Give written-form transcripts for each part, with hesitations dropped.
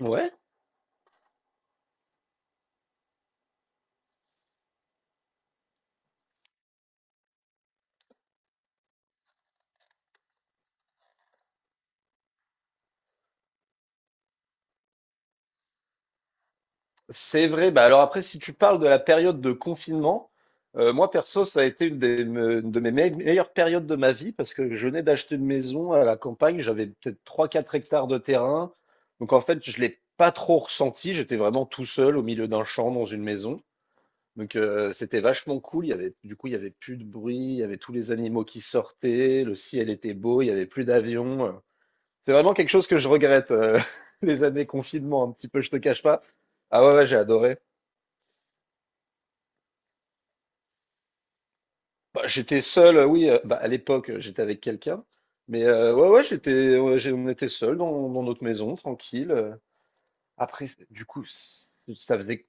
Ouais, c'est vrai. Bah alors après, si tu parles de la période de confinement, moi perso, ça a été une de mes meilleures périodes de ma vie parce que je venais d'acheter une maison à la campagne. J'avais peut-être trois quatre hectares de terrain. Donc en fait, je l'ai pas trop ressenti. J'étais vraiment tout seul au milieu d'un champ dans une maison. Donc c'était vachement cool. Il y avait, du coup, il y avait plus de bruit. Il y avait tous les animaux qui sortaient. Le ciel était beau. Il y avait plus d'avions. C'est vraiment quelque chose que je regrette, les années confinement, un petit peu, je te cache pas. Ah ouais, ouais, j'ai adoré. Bah, j'étais seul, oui, bah, à l'époque, j'étais avec quelqu'un. Mais ouais, ouais, j'étais, ouais, on était seul dans notre maison, tranquille. Après, du coup, ça faisait,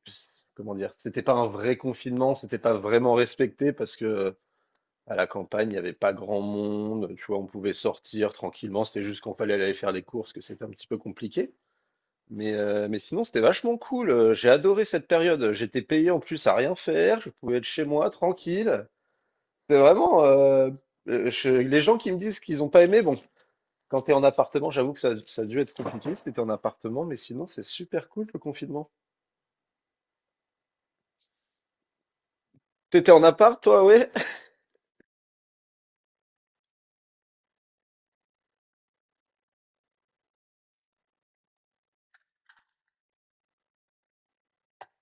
comment dire, c'était pas un vrai confinement, c'était pas vraiment respecté parce que à la campagne, il n'y avait pas grand monde, tu vois, on pouvait sortir tranquillement, c'était juste qu'on fallait aller faire les courses, que c'était un petit peu compliqué. Mais sinon, c'était vachement cool. J'ai adoré cette période. J'étais payé en plus à rien faire. Je pouvais être chez moi tranquille. C'est vraiment. Les gens qui me disent qu'ils n'ont pas aimé, bon, quand tu es en appartement, j'avoue que ça a dû être compliqué si t'étais en appartement, mais sinon, c'est super cool le confinement. T'étais en appart, toi, ouais?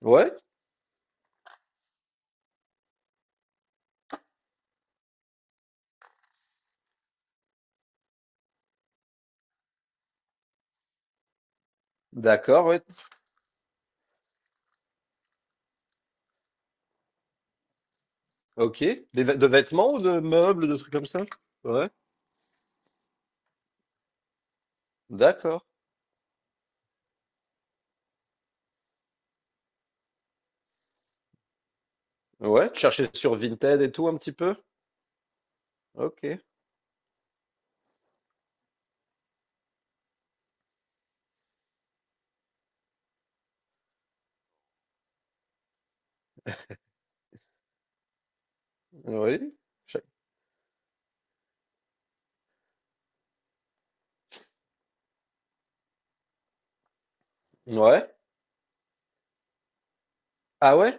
Ouais? D'accord, ouais. Ok. Des vê- de vêtements ou de meubles, de trucs comme ça? Ouais. D'accord. Ouais. Tu cherchais sur Vinted et tout un petit peu? Ok. Oui. Ch- Ouais. Ah ouais?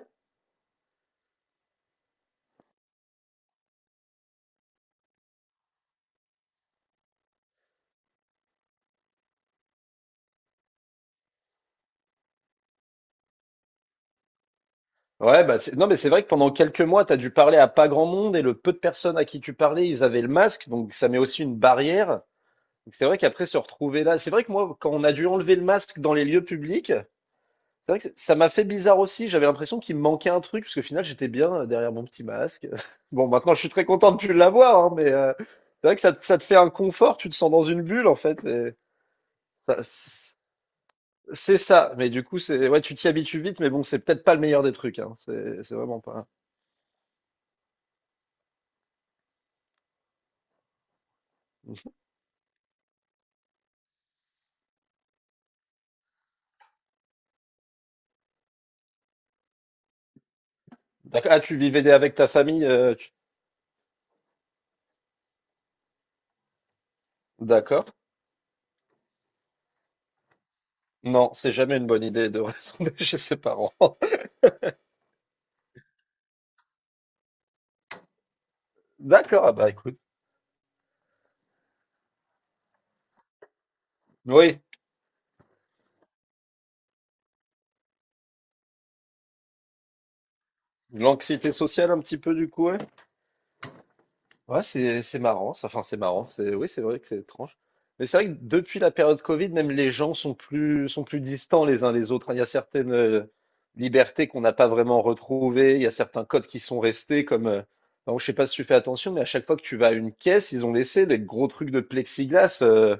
Ouais, bah c'est- non, mais c'est vrai que pendant quelques mois, tu as dû parler à pas grand monde et le peu de personnes à qui tu parlais, ils avaient le masque, donc ça met aussi une barrière. Donc c'est vrai qu'après se retrouver là, c'est vrai que moi, quand on a dû enlever le masque dans les lieux publics, c'est vrai que ça m'a fait bizarre aussi. J'avais l'impression qu'il me manquait un truc, parce qu'au final, j'étais bien derrière mon petit masque. Bon, maintenant, je suis très content de plus l'avoir, hein, mais c'est vrai que ça, ça te fait un confort, tu te sens dans une bulle, en fait. Et ça, c'est ça, mais du coup, c'est ouais, tu t'y habitues vite, mais bon, c'est peut-être pas le meilleur des trucs, hein. C'est vraiment pas. Hein. D'accord. Ah, tu vivais avec ta famille, d'accord. Non, c'est jamais une bonne idée de retourner chez ses parents. D'accord, ah bah écoute. Oui, l'anxiété sociale un petit peu du coup, ouais. Ouais, c'est marrant, ça. Enfin, c'est marrant. C'est Oui, c'est vrai que c'est étrange. Mais c'est vrai que depuis la période Covid, même les gens sont plus distants les uns les autres, hein. Il y a certaines libertés qu'on n'a pas vraiment retrouvées. Il y a certains codes qui sont restés comme. Alors, je sais pas si tu fais attention, mais à chaque fois que tu vas à une caisse, ils ont laissé les gros trucs de plexiglas.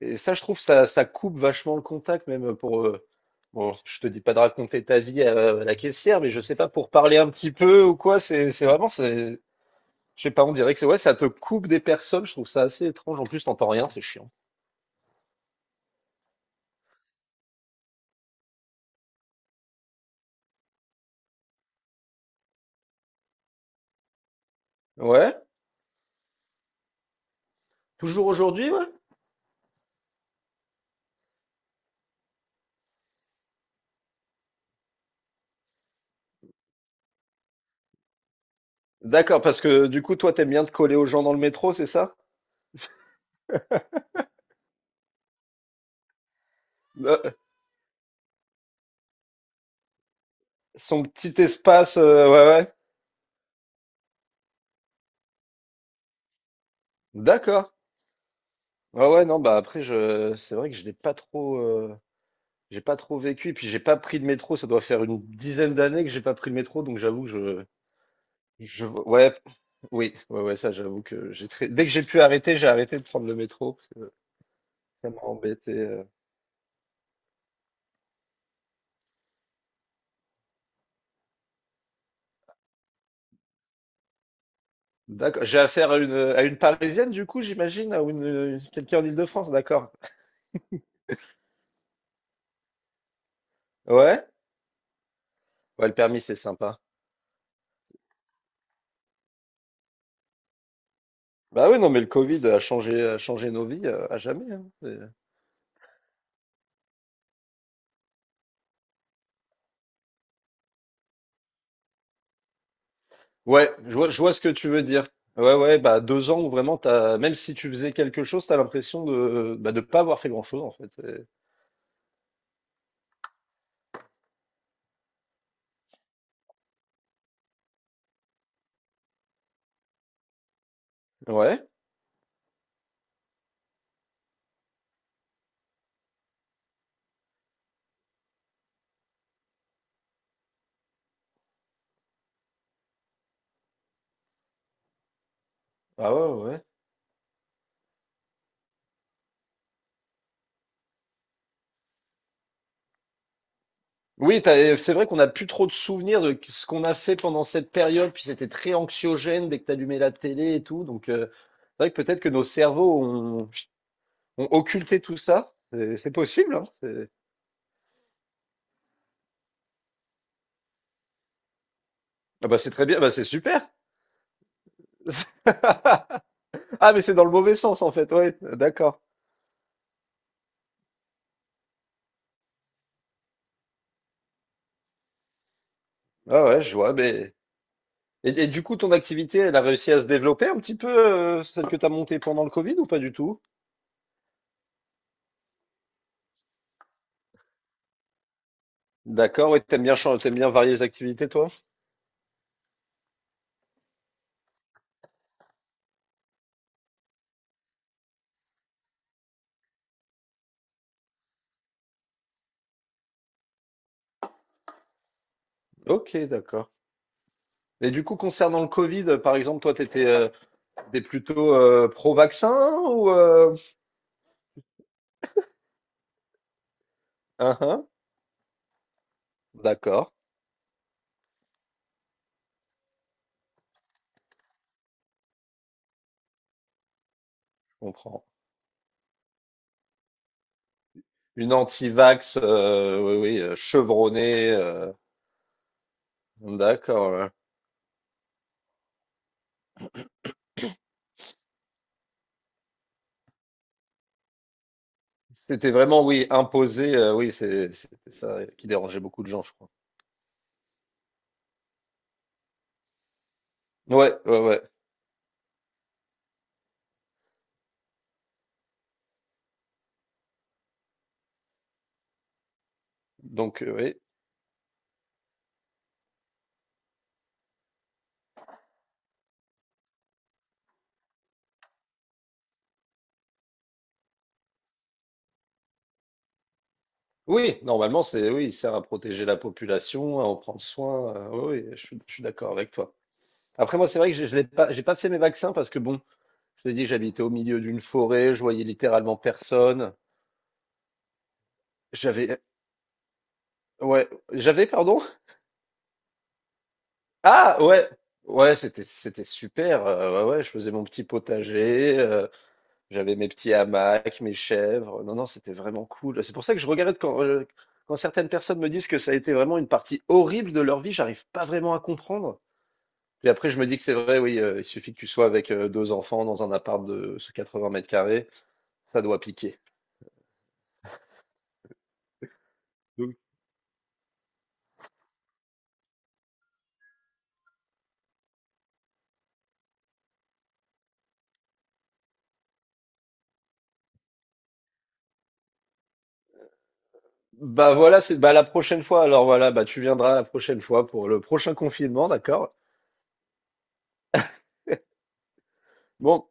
Et ça, je trouve, ça coupe vachement le contact, même pour. Bon, je te dis pas de raconter ta vie à, la caissière, mais je sais pas, pour parler un petit peu ou quoi, c'est vraiment. Je sais pas, on dirait que c'est ouais, ça te coupe des personnes, je trouve ça assez étrange. En plus, t'entends rien, c'est chiant. Ouais? Toujours aujourd'hui, ouais? D'accord, parce que du coup, toi, t'aimes bien te coller aux gens dans le métro, c'est ça? Euh, son petit espace, ouais, ouais. D'accord. Ouais, ouais, non, bah après, je, c'est vrai que je l'ai pas trop. J'ai pas trop vécu, et puis j'ai pas pris de métro. Ça doit faire une dizaine d'années que j'ai pas pris de métro, donc j'avoue que je, ouais, oui, ouais, ouais, ça, j'avoue que j'ai très, dès que j'ai pu arrêter, j'ai arrêté de prendre le métro, parce que ça m'a embêté. D'accord. J'ai affaire à une Parisienne, du coup, j'imagine, ou quelqu'un en Île-de-France, d'accord. Ouais. Ouais, le permis, c'est sympa. Bah oui, non, mais le Covid a changé nos vies à jamais, hein. Ouais, je vois ce que tu veux dire. Ouais, ouais, bah 2 ans où vraiment t'as, même si tu faisais quelque chose, t'as l'impression de, bah, de pas avoir fait grand-chose en fait. Et- ouais, ah ouais, ouais, ouais. Oui, t'as- c'est vrai qu'on n'a plus trop de souvenirs de ce qu'on a fait pendant cette période, puis c'était très anxiogène dès que t'allumais la télé et tout. Donc c'est vrai que peut-être que nos cerveaux ont, ont occulté tout ça. C'est possible, hein. C'est- ah bah c'est très bien, bah c'est super. Ah mais c'est dans le mauvais sens en fait, ouais, d'accord. Ah ouais, je vois, mais. Et du coup, ton activité, elle a réussi à se développer un petit peu, celle que tu as montée pendant le Covid ou pas du tout? D'accord, et t'aimes bien varier les activités, toi? Ok, d'accord. Et du coup, concernant le Covid, par exemple, toi, t'es plutôt pro-vaccin ou... Hein, hein. D'accord, je comprends. Une anti-vax, oui, oui, chevronnée, d'accord, ouais. C'était vraiment, oui, imposé, oui, c'est, c'était ça qui dérangeait beaucoup de gens, je crois. Ouais, ouais, ouais. Donc, oui. Oui, normalement, c'est oui, il sert à protéger la population, à en prendre soin. Oui, oui, je suis d'accord avec toi. Après, moi, c'est vrai que je l'ai pas, j'ai pas fait mes vaccins parce que bon, je t'ai dit, j'habitais au milieu d'une forêt, je voyais littéralement personne. J'avais, ouais, j'avais, pardon. Ah, ouais, ouais, c'était super. Ouais, ouais, je faisais mon petit potager, j'avais mes petits hamacs, mes chèvres. Non, non, c'était vraiment cool. C'est pour ça que je regarde quand certaines personnes me disent que ça a été vraiment une partie horrible de leur vie, j'arrive pas vraiment à comprendre. Puis après, je me dis que c'est vrai, oui, il suffit que tu sois avec, 2 enfants dans un appart de ce 80 m², ça doit piquer. Donc bah, voilà, c'est bah, la prochaine fois, alors voilà, bah, tu viendras la prochaine fois pour le prochain confinement, d'accord? Bon,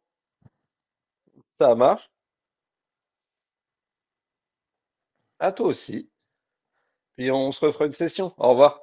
ça marche. À toi aussi, puis on se refera une session. Au revoir.